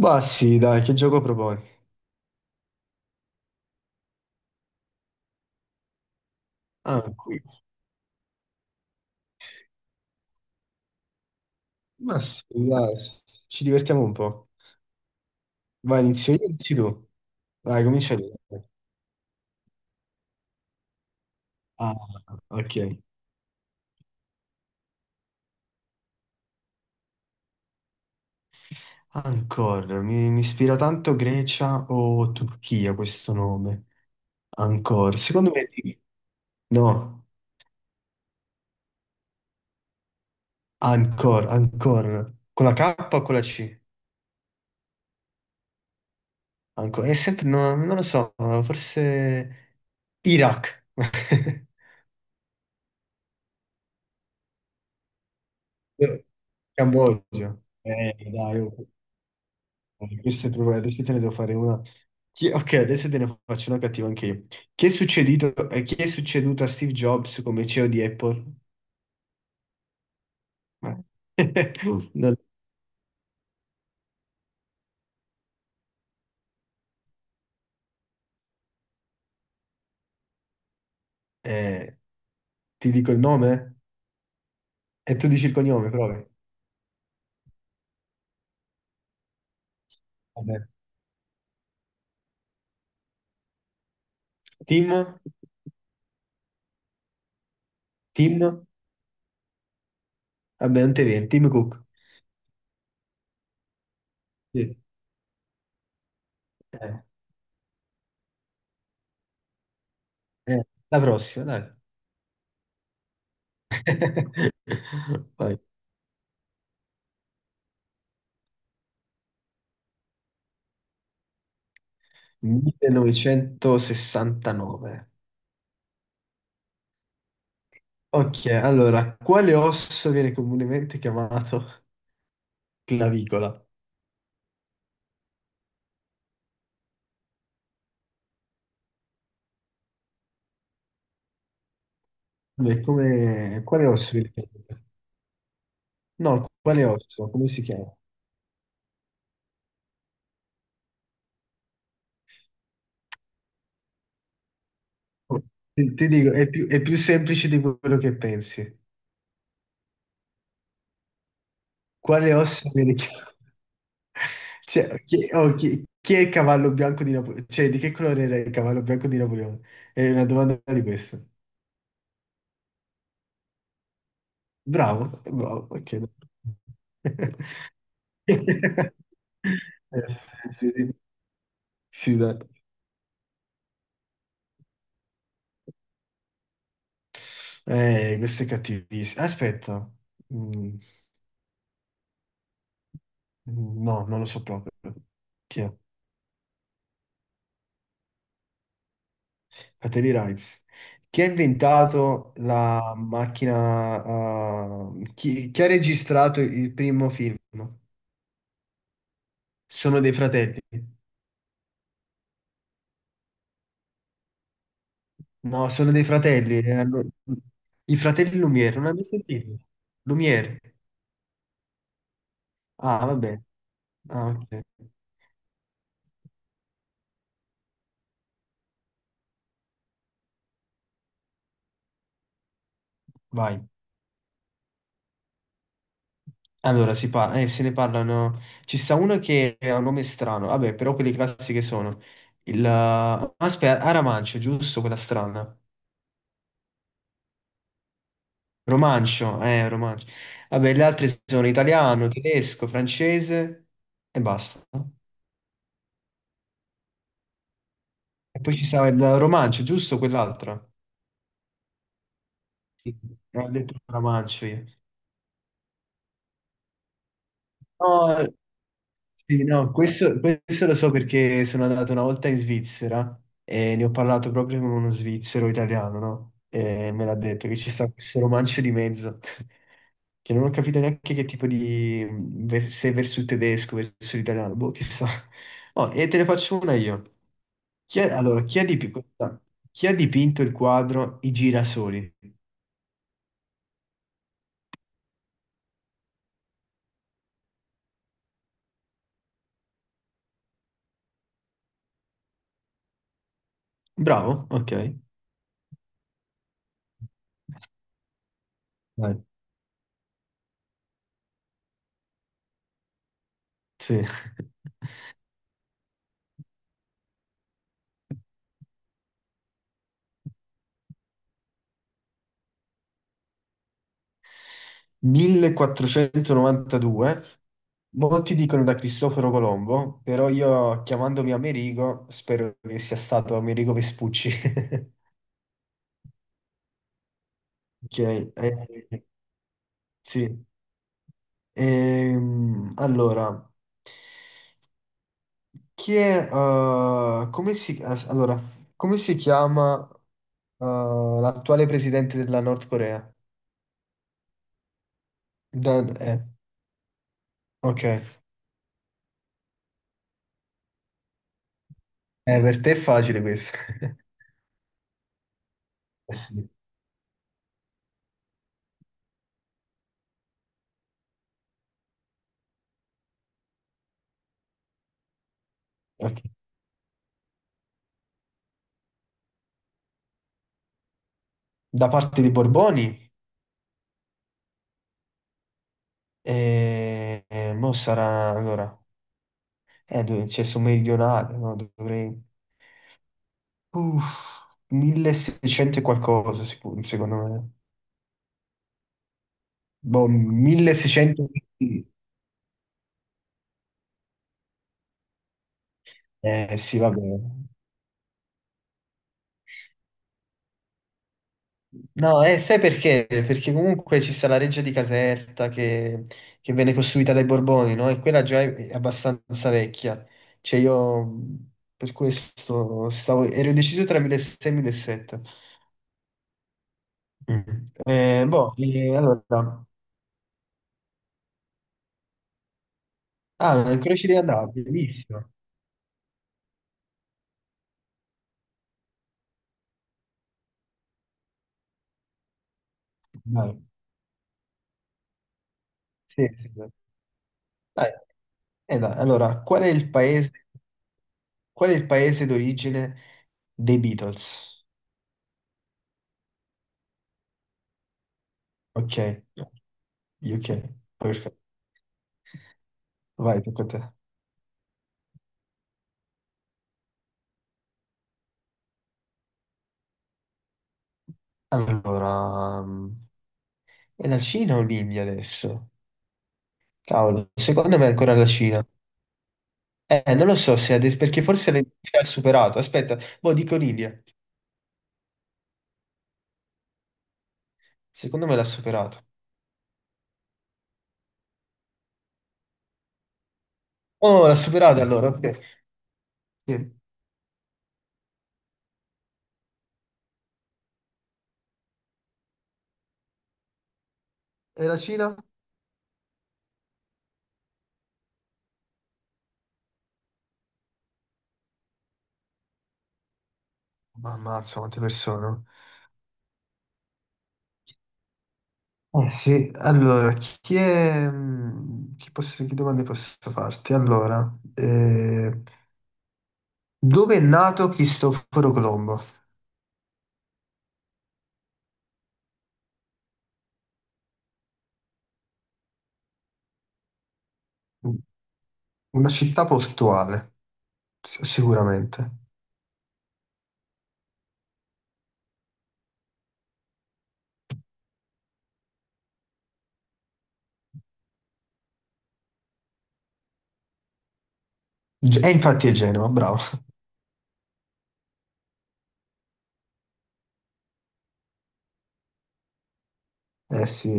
Ma sì, dai, che gioco proponi? Ah, un quiz. Ma sì, dai, ci divertiamo un po'. Vai, inizio io, inizi tu. Dai, comincia tu. Ah, ok. Ancora, mi ispira tanto Grecia o Turchia questo nome. Ancora, secondo me No, ancora, ancora. Con la K o con la C? Ancora, è sempre, no, non lo so, forse Iraq. Cambogia. Dai, oh. Adesso te ne devo fare una. Ok, adesso te ne faccio una cattiva anche io. Chi è succeduto a Steve Jobs come CEO di Apple? Ma- non- eh, ti dico il nome? E tu dici il cognome, provi. Vabbè. Tim? Tim? Vabbè, non te viene. Tim Cook. Sì. Eh, eh, la prossima, dai. Vai. 1969. Ok, allora, quale osso viene comunemente chiamato clavicola? Beh, quale osso viene chiamato? No, quale osso? Come si chiama? Ti dico, è più semplice di quello che pensi. Quale osso viene chiamato? Cioè, chi è il cavallo bianco di Napoleone? Cioè, di che colore era il cavallo bianco di Napoleone? È una domanda di questa. Bravo, bravo, ok. Sì, sì, sì, dai. Questo è cattivissimo. Aspetta. Mm, no, non lo so proprio. Chi è? Fratelli Rice. Chi ha inventato la macchina? Chi ha registrato il primo film? Sono dei fratelli. No, sono dei fratelli. I fratelli Lumière, non l'hai mai sentito? Lumière. Ah, vabbè. Ah, ok. Vai. Allora, se ne parlano. Ci sta uno che ha un nome strano. Vabbè, però quelli classici che sono. Aspetta, Aramancio, giusto? Quella strana. Romancio. Vabbè, le altre sono italiano, tedesco, francese e basta. E poi ci sta il Romancio, giusto? Quell'altra. Sì, ho detto Romancio io. No, sì, no, questo lo so perché sono andato una volta in Svizzera e ne ho parlato proprio con uno svizzero italiano, no? E me l'ha detto che ci sta questo romancio di mezzo, che non ho capito neanche che tipo, se verso il tedesco, verso l'italiano, boh, chissà. Oh, e te ne faccio una io. Chi è- allora, chi ha dipi- questa- chi ha dipinto il quadro I girasoli? Bravo, ok. Dai. Sì. 1492, molti dicono da Cristoforo Colombo, però io chiamandomi Amerigo spero che sia stato Amerigo Vespucci. Ok, sì. Allora, chi è, eh, come si, as- allora, come si chiama, l'attuale presidente della Nord Corea? Dan- eh, ok, per te è facile questo. Eh sì. Ok. Da parte dei Borboni? E mo sarà allora, c'è su meridionale, no? Dovrei uff, 1600 e qualcosa, sicuro, secondo me. Boh, 1600. Eh sì, va bene. No, sai perché? Perché comunque ci sta la reggia di Caserta che venne costruita dai Borboni, no? E quella già è abbastanza vecchia. Cioè io per questo stavo, ero deciso tra 1600 e 1700. Mm. Allora, Ah, il Croce di Andrea, bellissimo. Dai, sì, sì, dai. Dai, dai, allora, qual è il paese d'origine dei Beatles? Ok, ok, perfetto. Vai, tocca a te. Allora, è la Cina o l'India adesso? Cavolo, secondo me è ancora la Cina. Non lo so se adesso, perché forse l'India ha superato. Aspetta, boh, dico l'India. Secondo me l'ha superato. Oh, l'ha superato allora, ok. Sì. E la Cina? Ma ammazza, quante persone. Oh. Eh sì, allora, chi è... Chi, posso, che domande posso farti? Allora, dove è nato Cristoforo Colombo? Una città portuale, sicuramente. E infatti è Genova, bravo. Eh sì.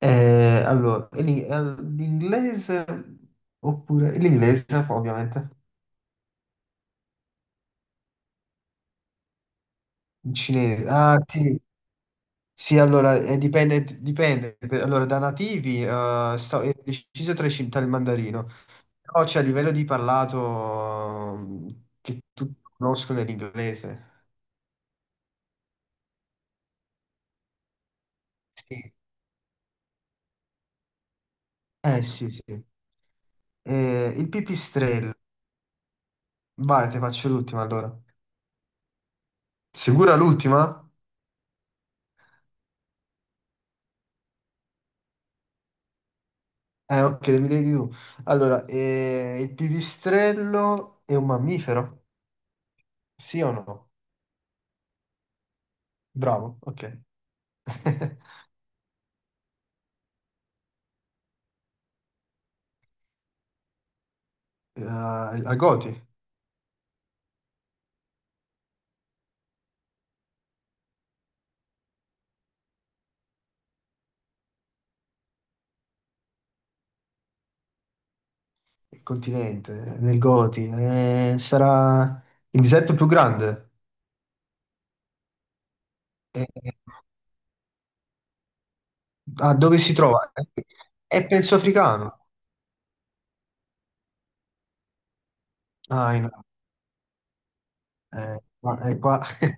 Allora, e l'inglese, ovviamente. Il cinese. Ah sì, sì, allora, dipende, dipende. Allora, da nativi è deciso tra i cin- tra il mandarino. No, cioè a livello di parlato che tutti conoscono è l'inglese. Sì. Eh sì, sì. Il pipistrello. Vai, te faccio l'ultima allora. Sicura l'ultima? Ok, mi devi dire tu. Allora, il pipistrello è un mammifero? Sì o no? Bravo, ok. Al Goti, il continente, nel Goti. Sarà il deserto più grande? Eh, Ah, dove si trova? È penso africano. Ah, ma è qua.